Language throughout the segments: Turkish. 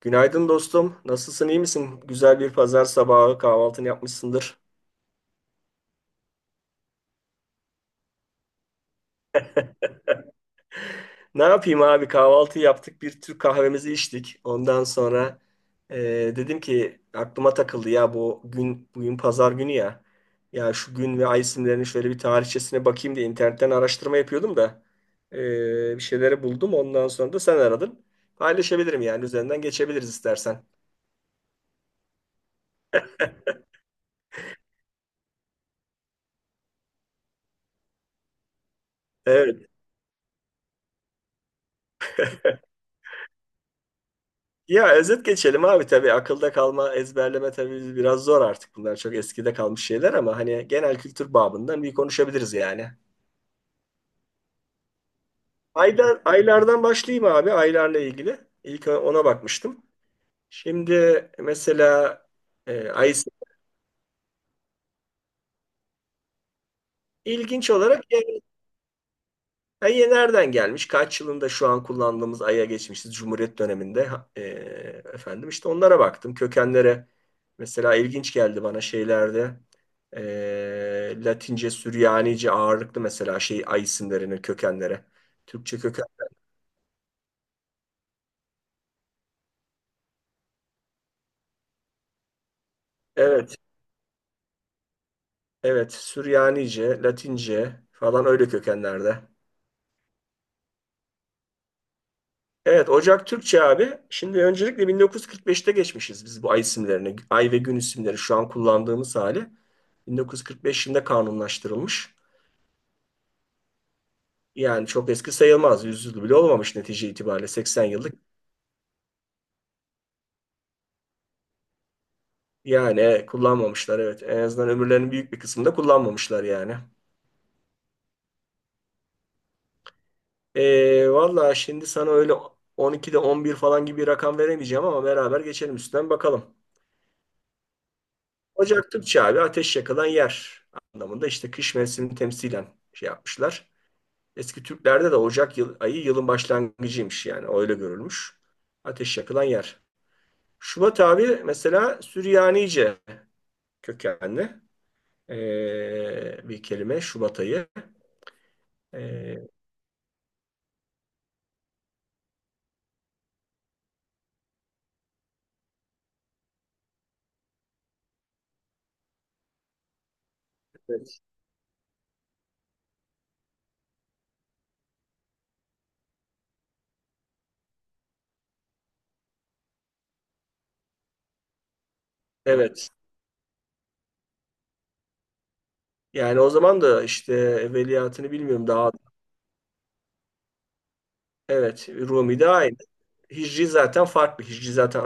Günaydın dostum. Nasılsın, iyi misin? Güzel bir pazar sabahı kahvaltını yapmışsındır. Ne yapayım abi? Kahvaltı yaptık, bir Türk kahvemizi içtik. Ondan sonra e, dedim ki aklıma takıldı ya, bu gün bugün pazar günü ya. Ya şu gün ve ay isimlerinin şöyle bir tarihçesine bakayım diye internetten araştırma yapıyordum da bir şeyleri buldum. Ondan sonra da sen aradın. Paylaşabilirim, yani üzerinden geçebiliriz istersen. Evet. Ya özet geçelim abi, tabii akılda kalma, ezberleme tabii biraz zor, artık bunlar çok eskide kalmış şeyler ama hani genel kültür babından bir konuşabiliriz yani. Aylardan başlayayım abi, aylarla ilgili. İlk ona bakmıştım. Şimdi mesela ay ilginç olarak Ay'e nereden gelmiş? Kaç yılında şu an kullandığımız Ay'a geçmişiz? Cumhuriyet döneminde efendim işte onlara baktım. Kökenlere mesela ilginç geldi bana şeylerde. Latince, Süryanice ağırlıklı mesela şey Ay isimlerinin kökenlere. Türkçe köken. Evet, evet. Süryanice, Latince falan öyle kökenlerde. Evet, Ocak Türkçe abi. Şimdi öncelikle 1945'te geçmişiz biz bu ay isimlerini. Ay ve gün isimleri şu an kullandığımız hali. 1945 yılında kanunlaştırılmış. Yani çok eski sayılmaz. Yüzyıl bile olmamış netice itibariyle. 80 yıllık. Yani kullanmamışlar evet. En azından ömürlerinin büyük bir kısmında kullanmamışlar yani. Valla şimdi sana öyle 12'de 11 falan gibi bir rakam veremeyeceğim ama beraber geçelim üstten bakalım. Ocak Türkçe abi, ateş yakılan yer anlamında, işte kış mevsimini temsilen şey yapmışlar. Eski Türklerde de Ocak yıl, ayı yılın başlangıcıymış, yani öyle görülmüş. Ateş yakılan yer. Şubat abi mesela Süryanice kökenli bir kelime Şubat ayı. Ee, evet. Evet. Yani o zaman da işte evveliyatını bilmiyorum daha. Evet, Rumi de aynı. Hicri zaten farklı. Hicri zaten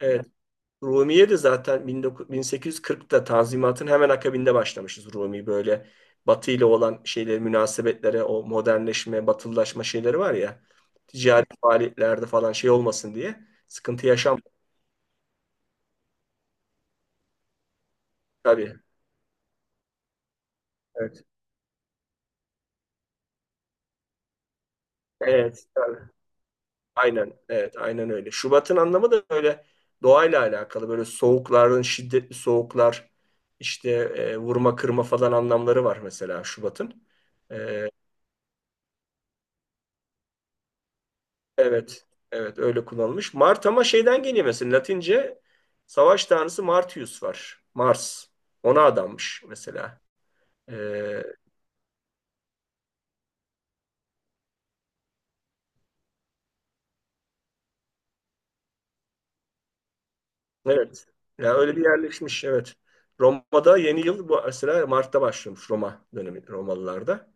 evet. Rumiye de zaten 1840'ta Tanzimat'ın hemen akabinde başlamışız Rumi, böyle Batı ile olan şeyleri, münasebetlere, o modernleşme, batılılaşma şeyleri var ya, ticari, evet, faaliyetlerde falan şey olmasın diye, sıkıntı yaşam tabii. Evet. Evet, tabii. Aynen, evet, aynen öyle. Şubat'ın anlamı da böyle doğayla alakalı. Böyle soğukların, şiddetli soğuklar, işte vurma kırma falan anlamları var mesela Şubat'ın. E, Evet, evet öyle kullanılmış. Mart ama şeyden geliyor mesela, Latince savaş tanrısı Martius var. Mars. Ona adanmış mesela. Ee, evet. Ya öyle bir yerleşmiş, evet. Roma'da yeni yıl bu mesela Mart'ta başlamış, Roma dönemi Romalılarda.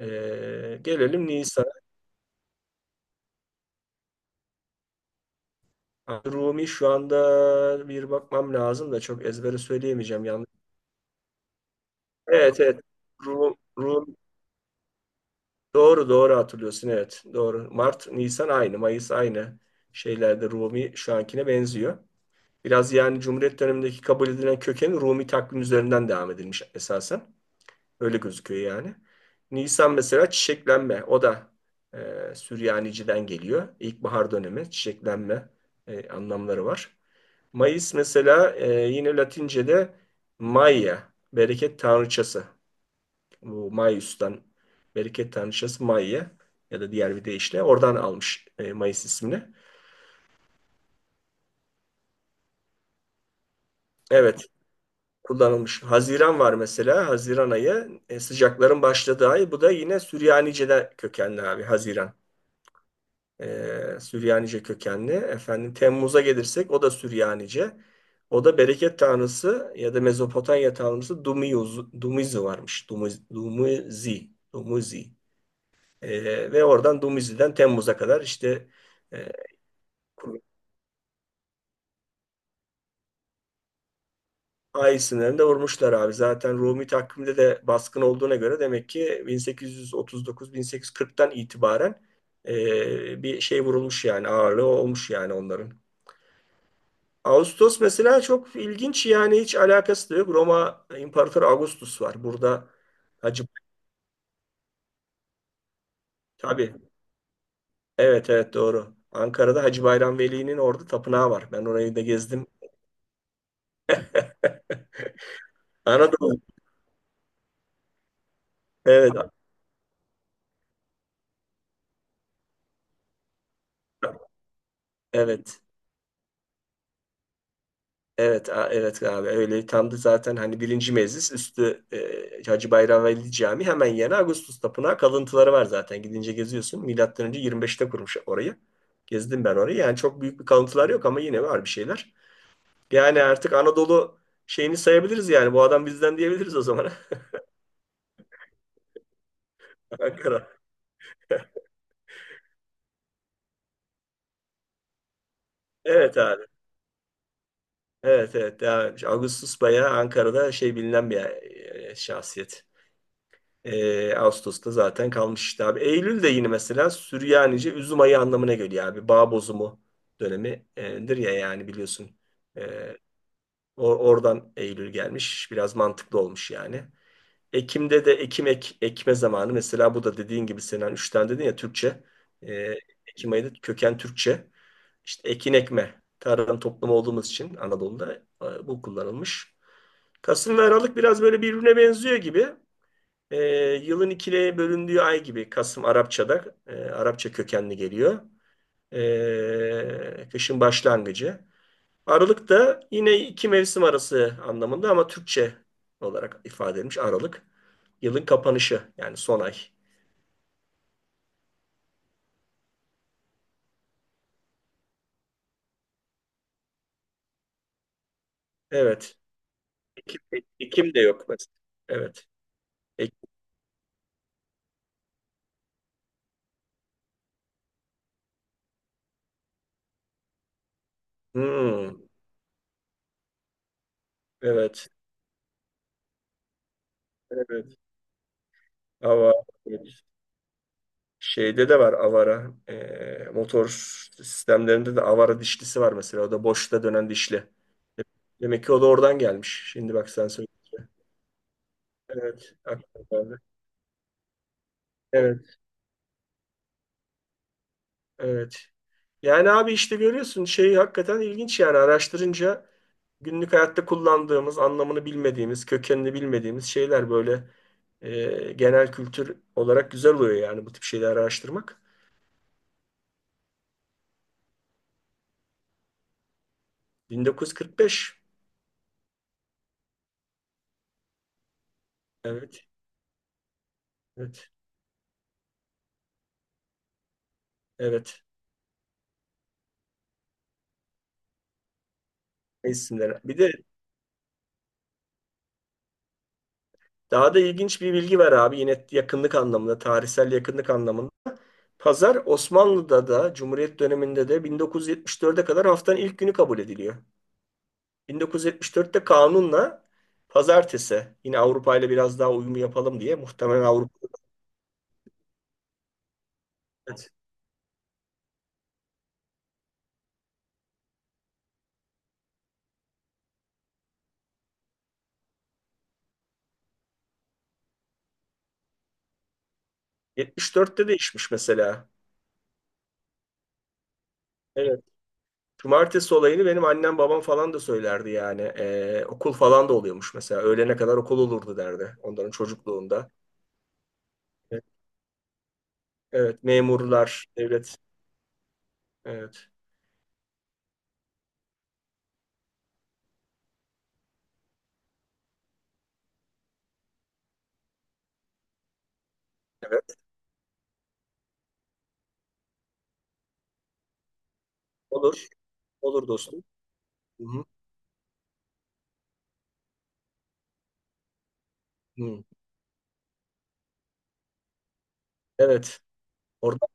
Gelelim Nisan'a. Rumi şu anda bir bakmam lazım da çok ezbere söyleyemeyeceğim, yanlış. Evet, evet. Rumi. Doğru, doğru hatırlıyorsun, evet. Doğru. Mart, Nisan aynı. Mayıs aynı, şeylerde Rumi şu ankine benziyor. Biraz yani Cumhuriyet dönemindeki kabul edilen kökeni Rumi takvim üzerinden devam edilmiş esasen. Öyle gözüküyor yani. Nisan mesela çiçeklenme. O da Süryaniciden geliyor. İlkbahar dönemi çiçeklenme anlamları var. Mayıs mesela yine Latince'de Maia, bereket tanrıçası. Bu Maius'tan bereket tanrıçası Mai'ye ya da diğer bir deyişle oradan almış Mayıs ismini. Evet, kullanılmış. Haziran var mesela. Haziran ayı, sıcakların başladığı ay. Bu da yine Süryanice'den kökenli abi, Haziran. Süryanice kökenli. Efendim Temmuz'a gelirsek o da Süryanice. O da bereket tanrısı ya da Mezopotamya tanrısı Dumuz, Dumuzi varmış. Dumuz, Dumuzi. Dumuzi. Ve oradan Dumuzi'den Temmuz'a kadar işte e, Ay sınırında vurmuşlar abi. Zaten Rumi takvimde de baskın olduğuna göre, demek ki 1839-1840'tan itibaren bir şey vurulmuş yani, ağırlığı olmuş yani onların. Ağustos mesela çok ilginç, yani hiç alakası da yok. Roma İmparatoru Augustus var. Burada Hacı tabii, evet, evet, doğru. Ankara'da Hacı Bayram Veli'nin orada tapınağı var. Ben orayı da gezdim. Anadolu. Evet. Evet. Evet, evet abi, öyle tam da zaten, hani birinci meclis üstü Hacı Bayram Veli Camii hemen yanı Ağustos Tapınağı kalıntıları var zaten, gidince geziyorsun. Milattan önce 25'te kurmuş orayı. Gezdim ben orayı. Yani çok büyük bir kalıntılar yok ama yine var bir şeyler. Yani artık Anadolu şeyini sayabiliriz yani. Bu adam bizden diyebiliriz o zaman. Ankara. Evet abi. Evet, evet. Yani Ağustos bayağı Ankara'da şey, bilinen bir şahsiyet. Ağustos'ta zaten kalmış işte abi. Eylül de yine mesela Süryanice üzüm ayı anlamına geliyor abi. Bağ bozumu dönemidir ya, yani biliyorsun. Ee, oradan Eylül gelmiş. Biraz mantıklı olmuş yani. Ekim'de de ekim ekme zamanı. Mesela bu da dediğin gibi Sinan, 3 tane dedin ya Türkçe. Ee, Ekim ayı da köken Türkçe. İşte ekin ekme. Tarım toplumu olduğumuz için Anadolu'da bu kullanılmış. Kasım ve Aralık biraz böyle birbirine benziyor gibi. E, yılın ikiliye bölündüğü ay gibi Kasım, Arapça'da Arapça kökenli geliyor. Kışın başlangıcı. Aralık da yine iki mevsim arası anlamında ama Türkçe olarak ifade edilmiş Aralık. Yılın kapanışı, yani son ay. Evet. Ekim, Ekim, de yok mesela. Evet. Ek- Hmm, evet. Evet. Ava. Evet. Şeyde de var avara. Motor sistemlerinde de avara dişlisi var mesela. O da boşta dönen dişli. Demek ki o da oradan gelmiş. Şimdi bak sen söyleyince. Evet, aklıma geldi. Evet. Evet. Yani abi işte görüyorsun şey, hakikaten ilginç yani araştırınca, günlük hayatta kullandığımız, anlamını bilmediğimiz, kökenini bilmediğimiz şeyler böyle genel kültür olarak güzel oluyor yani bu tip şeyleri araştırmak. 1945. Evet. Evet. Evet. Ne isimler. Bir de daha da ilginç bir bilgi var abi, yine yakınlık anlamında, tarihsel yakınlık anlamında. Pazar, Osmanlı'da da Cumhuriyet döneminde de 1974'e kadar haftanın ilk günü kabul ediliyor. 1974'te kanunla pazartesi, yine Avrupa ile biraz daha uyumu yapalım diye muhtemelen, Avrupa. Evet. 74'te değişmiş mesela. Evet. Cumartesi olayını benim annem babam falan da söylerdi yani. Okul falan da oluyormuş mesela. Öğlene kadar okul olurdu derdi onların çocukluğunda. Evet. Evet, memurlar, devlet. Evet. Evet. Olur. Olur dostum. Hı hı. Hı. Evet. Orada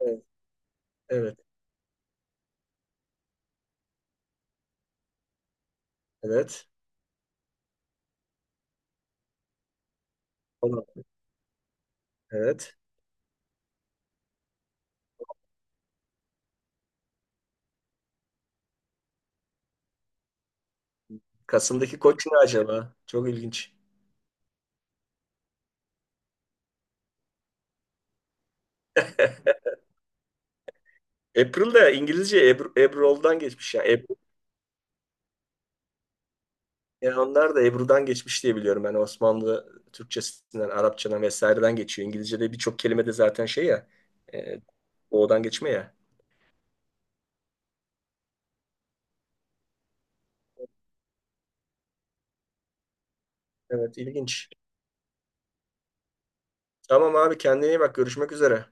evet, evet, evet. Olan, evet. Kasım'daki koç ne acaba? Çok ilginç. April de İngilizce Ebru, Ebrol'dan geçmiş ya. Ebru, yani onlar da Ebru'dan geçmiş diye biliyorum. Yani Osmanlı Türkçesinden, Arapçadan vesaireden geçiyor. İngilizce'de birçok kelime de zaten şey ya, e, odan geçme ya. Evet, ilginç. Tamam abi, kendine iyi bak. Görüşmek üzere.